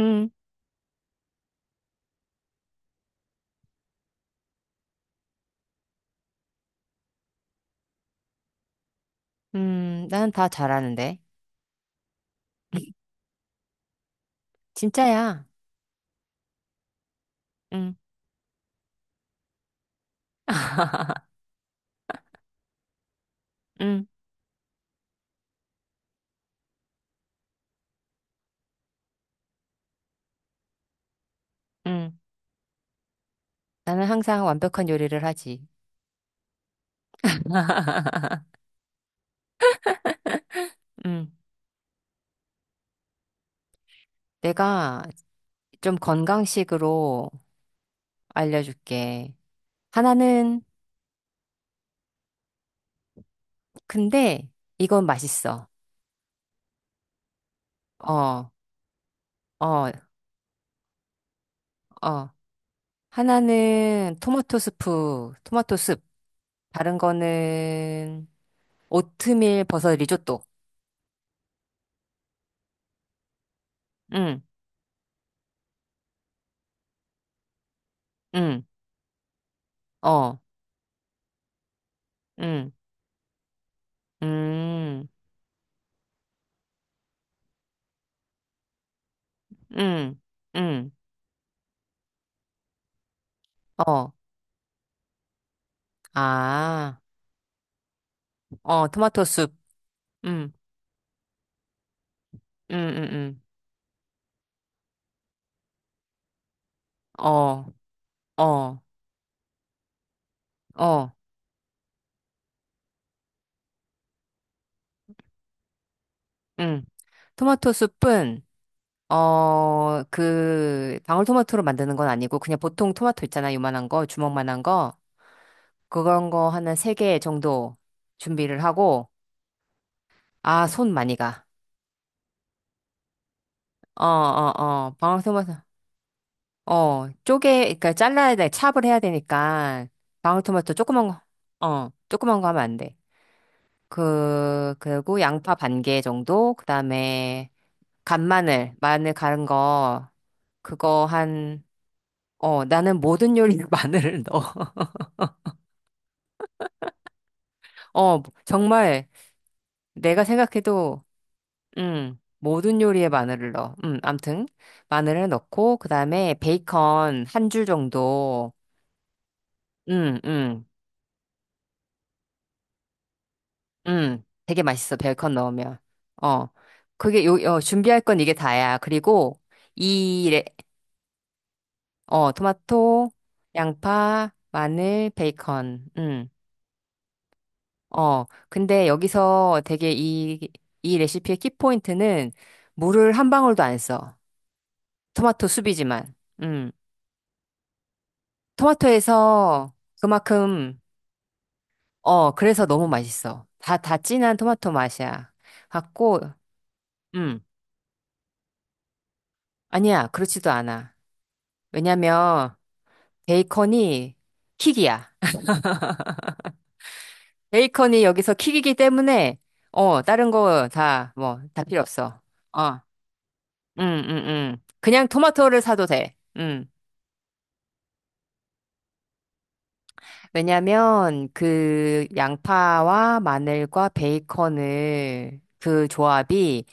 응, 나는 다 잘하는데. 진짜야. 응, 응, 응. 나는 항상 완벽한 요리를 하지. 응. 내가 좀 건강식으로 알려줄게. 하나는, 근데 이건 맛있어. 어, 어, 어. 하나는 토마토 스프, 토마토 숲. 다른 거는 오트밀 버섯 리조또. 응, 응, 어, 응, 음. 응, 응, 어, 아, 어, 토마토 숲, 응, 응, 응, 응, 어, 어, 어, 응. 토마토 숲은, 방울토마토로 만드는 건 아니고, 그냥 보통 토마토 있잖아, 요만한 거, 주먹만한 거. 그런 거 하나 세 개 정도 준비를 하고, 아, 손 많이 가. 어, 어, 어, 방울토마토, 그러니까 잘라야 돼, 찹을 해야 되니까, 방울토마토 조그만 거, 어, 조그만 거 하면 안 돼. 그리고 양파 반개 정도, 그 다음에 간마늘, 마늘 갈은 거, 그거 한, 어, 나는 모든 요리에 마늘을 넣어. 어, 정말 내가 생각해도, 모든 요리에 마늘을 넣어. 암튼, 마늘을 넣고, 그 다음에 베이컨 한 줄 정도, 음, 음, 되게 맛있어, 베이컨 넣으면. 어, 그게 요, 어, 준비할 건 이게 다야. 그리고, 이 레- 어, 토마토, 양파, 마늘, 베이컨. 음. 어, 근데 여기서 이 레시피의 키포인트는 물을 한 방울도 안 써. 토마토 수비지만. 음. 토마토에서 그만큼, 어, 그래서 너무 맛있어. 다 진한 토마토 맛이야. 갖고, 음. 아니야, 그렇지도 않아. 왜냐면, 베이컨이 킥이야. 베이컨이 여기서 킥이기 때문에, 어, 다른 거 다, 뭐, 다 필요 없어. 어, 응, 응, 응. 그냥 토마토를 사도 돼. 응. 왜냐면, 그, 양파와 마늘과 베이컨을, 그 조합이,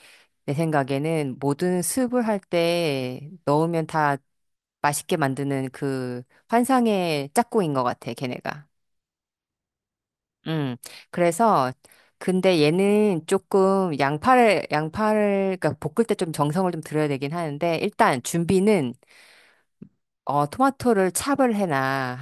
내 생각에는 모든 스уп을 할 때 넣으면 다 맛있게 만드는 그 환상의 짝꿍인 것 같아, 걔네가. 음. 그래서 근데 얘는 조금 양파를 그러니까 볶을 때 좀 정성을 좀 들여야 되긴 하는데 일단 준비는 어 토마토를 찹을 해놔.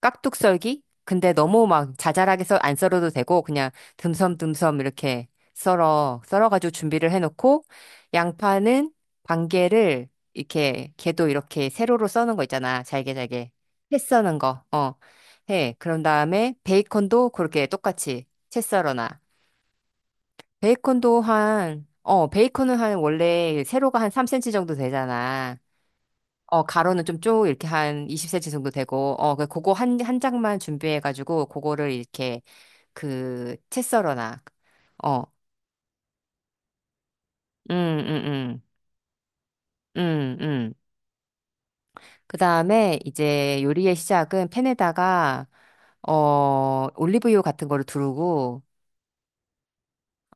깍둑 썰기? 근데 너무 막 자잘하게 안 썰어도 되고, 그냥 듬섬듬섬 이렇게 썰어가지고 준비를 해놓고, 양파는 반개를 이렇게, 개도 이렇게 세로로 써는 거 있잖아. 잘게 잘게. 채 써는 거, 어, 해. 그런 다음에 베이컨도 그렇게 똑같이 채 썰어놔. 베이컨도 한, 어, 베이컨은 한 원래 세로가 한 3cm 정도 되잖아. 어, 가로는 좀 쭉 이렇게 한 20cm 정도 되고, 그거 한, 한 장만 준비해가지고, 그거를 이렇게, 그, 채썰어놔. 어, 음, 음, 음, 음, 음. 그 다음에 이제 요리의 시작은 팬에다가, 어, 올리브유 같은 거를 두르고,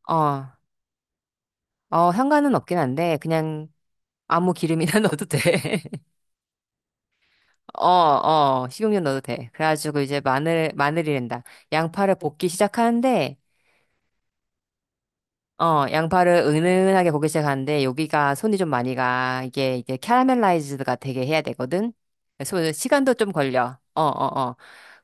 어, 어, 향가은 없긴 한데, 그냥 아무 기름이나 넣어도 돼. 어, 어, 식용유 넣어도 돼. 그래가지고 이제 마늘, 마늘이란다. 양파를 볶기 시작하는데, 어, 양파를 은은하게 볶기 시작하는데 여기가 손이 좀 많이 가. 이게 캐러멜라이즈드가 되게 해야 되거든. 그래서 시간도 좀 걸려. 어, 어, 어.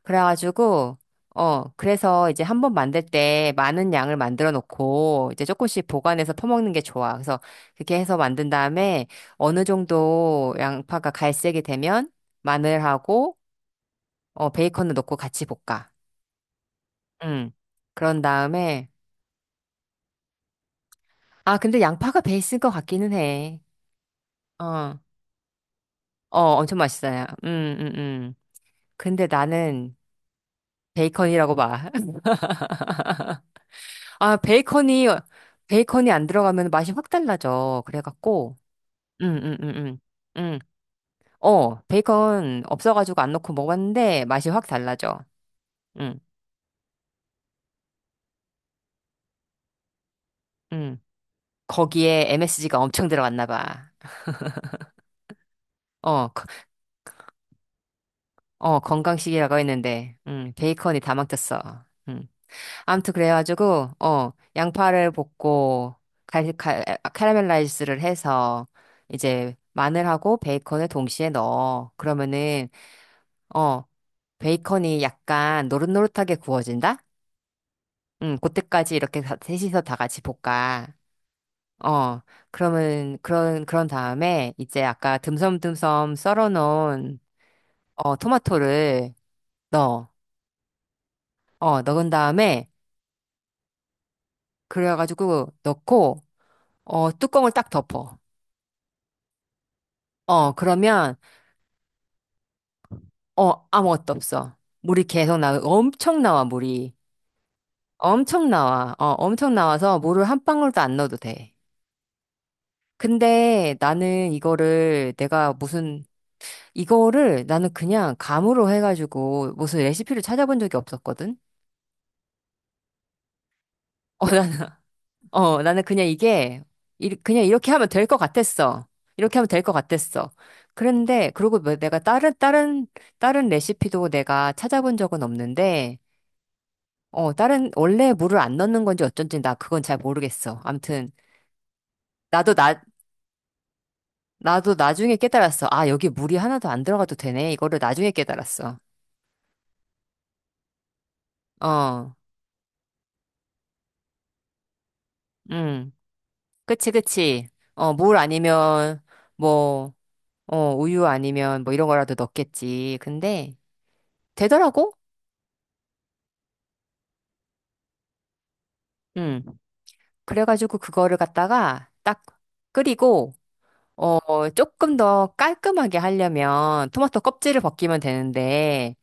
그래가지고 어, 그래서 이제 한 번 만들 때 많은 양을 만들어 놓고 이제 조금씩 보관해서 퍼먹는 게 좋아. 그래서 그렇게 해서 만든 다음에 어느 정도 양파가 갈색이 되면 마늘하고 어, 베이컨을 넣고 같이 볶아. 음. 그런 다음에 아, 근데 양파가 베이스인 것 같기는 해. 어. 어, 엄청 맛있어요. 근데 나는 베이컨이라고 봐. 아, 베이컨이, 베이컨이 안 들어가면 맛이 확 달라져. 그래갖고, 음, 음, 음, 음. 음. 어, 베이컨 없어가지고 안 넣고 먹었는데 맛이 확 달라져. 음, 음. 거기에 MSG가 엄청 들어갔나 봐. 어, 거- 어, 건강식이라고 했는데, 베이컨이 다 망쳤어. 아무튼 그래가지고 어 양파를 볶고 갈, 갈, 카라멜라이즈를 해서 이제 마늘하고 베이컨을 동시에 넣어. 그러면은 어 베이컨이 약간 노릇노릇하게 구워진다? 응, 그때까지 이렇게 셋이서 다 같이 볶아. 어 그러면 그런 다음에 이제 아까 듬섬듬섬 썰어놓은 어 토마토를 넣어. 어 넣은 다음에 그래가지고 넣고 어 뚜껑을 딱 덮어. 어, 그러면, 어, 아무것도 없어. 물이 계속 나와. 엄청 나와, 물이. 엄청 나와. 어, 엄청 나와서 물을 한 방울도 안 넣어도 돼. 근데 나는 이거를 내가 무슨, 이거를 나는 그냥 감으로 해가지고 무슨 레시피를 찾아본 적이 없었거든? 어, 나는, 어, 나는 그냥 이게, 이, 그냥 이렇게 하면 될 것 같았어. 이렇게 하면 될 것 같았어. 그런데, 그리고 뭐 내가 다른 레시피도 내가 찾아본 적은 없는데, 어, 다른, 원래 물을 안 넣는 건지 어쩐지 나 그건 잘 모르겠어. 암튼, 나도 나, 나도 나중에 깨달았어. 아, 여기 물이 하나도 안 들어가도 되네. 이거를 나중에 깨달았어. 어, 음, 그치, 그치. 어, 물 아니면, 뭐, 어, 우유 아니면 뭐 이런 거라도 넣겠지. 근데, 되더라고? 음, 그래가지고 그거를 갖다가 딱 끓이고, 어, 조금 더 깔끔하게 하려면 토마토 껍질을 벗기면 되는데,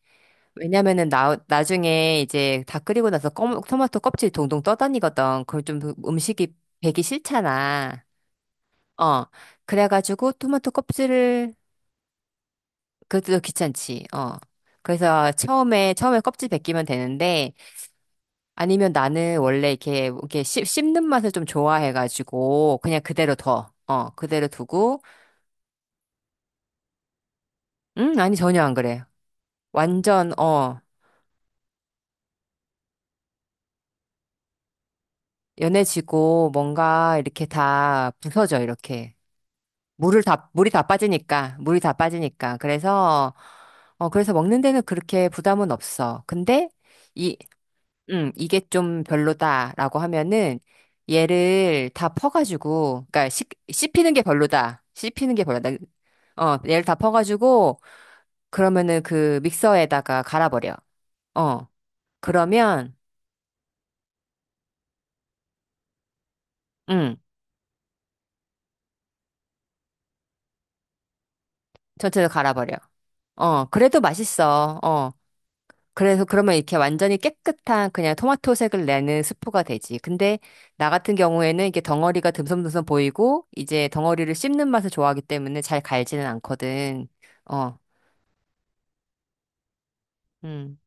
나중에 이제 다 끓이고 나서 토마토 껍질 동동 떠다니거든. 그걸 좀 음식이 배기 싫잖아. 어. 그래가지고 토마토 껍질을, 그것도 귀찮지. 어. 그래서 처음에 껍질 벗기면 되는데, 아니면 나는 원래 이렇게 씹는 맛을 좀 좋아해가지고, 그냥 그대로 둬. 어, 그대로 두고, 아니, 전혀 안 그래. 완전, 어, 연해지고, 뭔가 이렇게 다 부서져, 이렇게. 물이 다 빠지니까, 물이 다 빠지니까. 그래서, 어, 그래서 먹는 데는 그렇게 부담은 없어. 근데, 이, 이게 좀 별로다라고 하면은, 얘를 다 퍼가지고, 그러니까 씹히는 게 별로다. 씹히는 게 별로다. 어, 얘를 다 퍼가지고, 그러면은 그 믹서에다가 갈아버려. 어, 그러면, 음, 전체를 갈아버려. 어, 그래도 맛있어. 어, 그래서 그러면 이렇게 완전히 깨끗한 그냥 토마토색을 내는 스프가 되지. 근데 나 같은 경우에는 이게 덩어리가 듬성듬성 보이고 이제 덩어리를 씹는 맛을 좋아하기 때문에 잘 갈지는 않거든. 어, 음,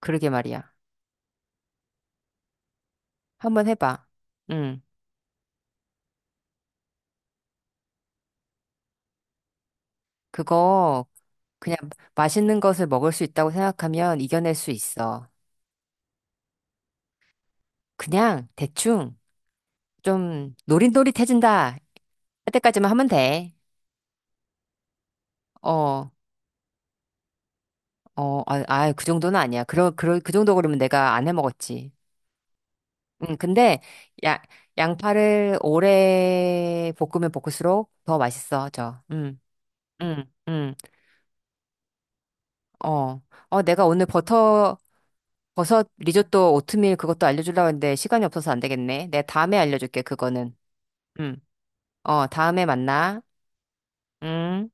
그러게 말이야. 한번 해봐. 음, 그거 그냥 맛있는 것을 먹을 수 있다고 생각하면 이겨낼 수 있어. 그냥 대충 좀 노릇노릇해진다 할 때까지만 하면 돼. 어, 어, 아, 아, 그 정도는 아니야. 그 정도 그러면 내가 안 해 먹었지. 근데 야, 양파를 오래 볶으면 볶을수록 더 맛있어져. 음, 음. 어, 어, 내가 오늘 버터 버섯 리조또 오트밀 그것도 알려주려고 했는데 시간이 없어서 안 되겠네. 내가 다음에 알려줄게 그거는. 음, 어, 다음에 만나. 음.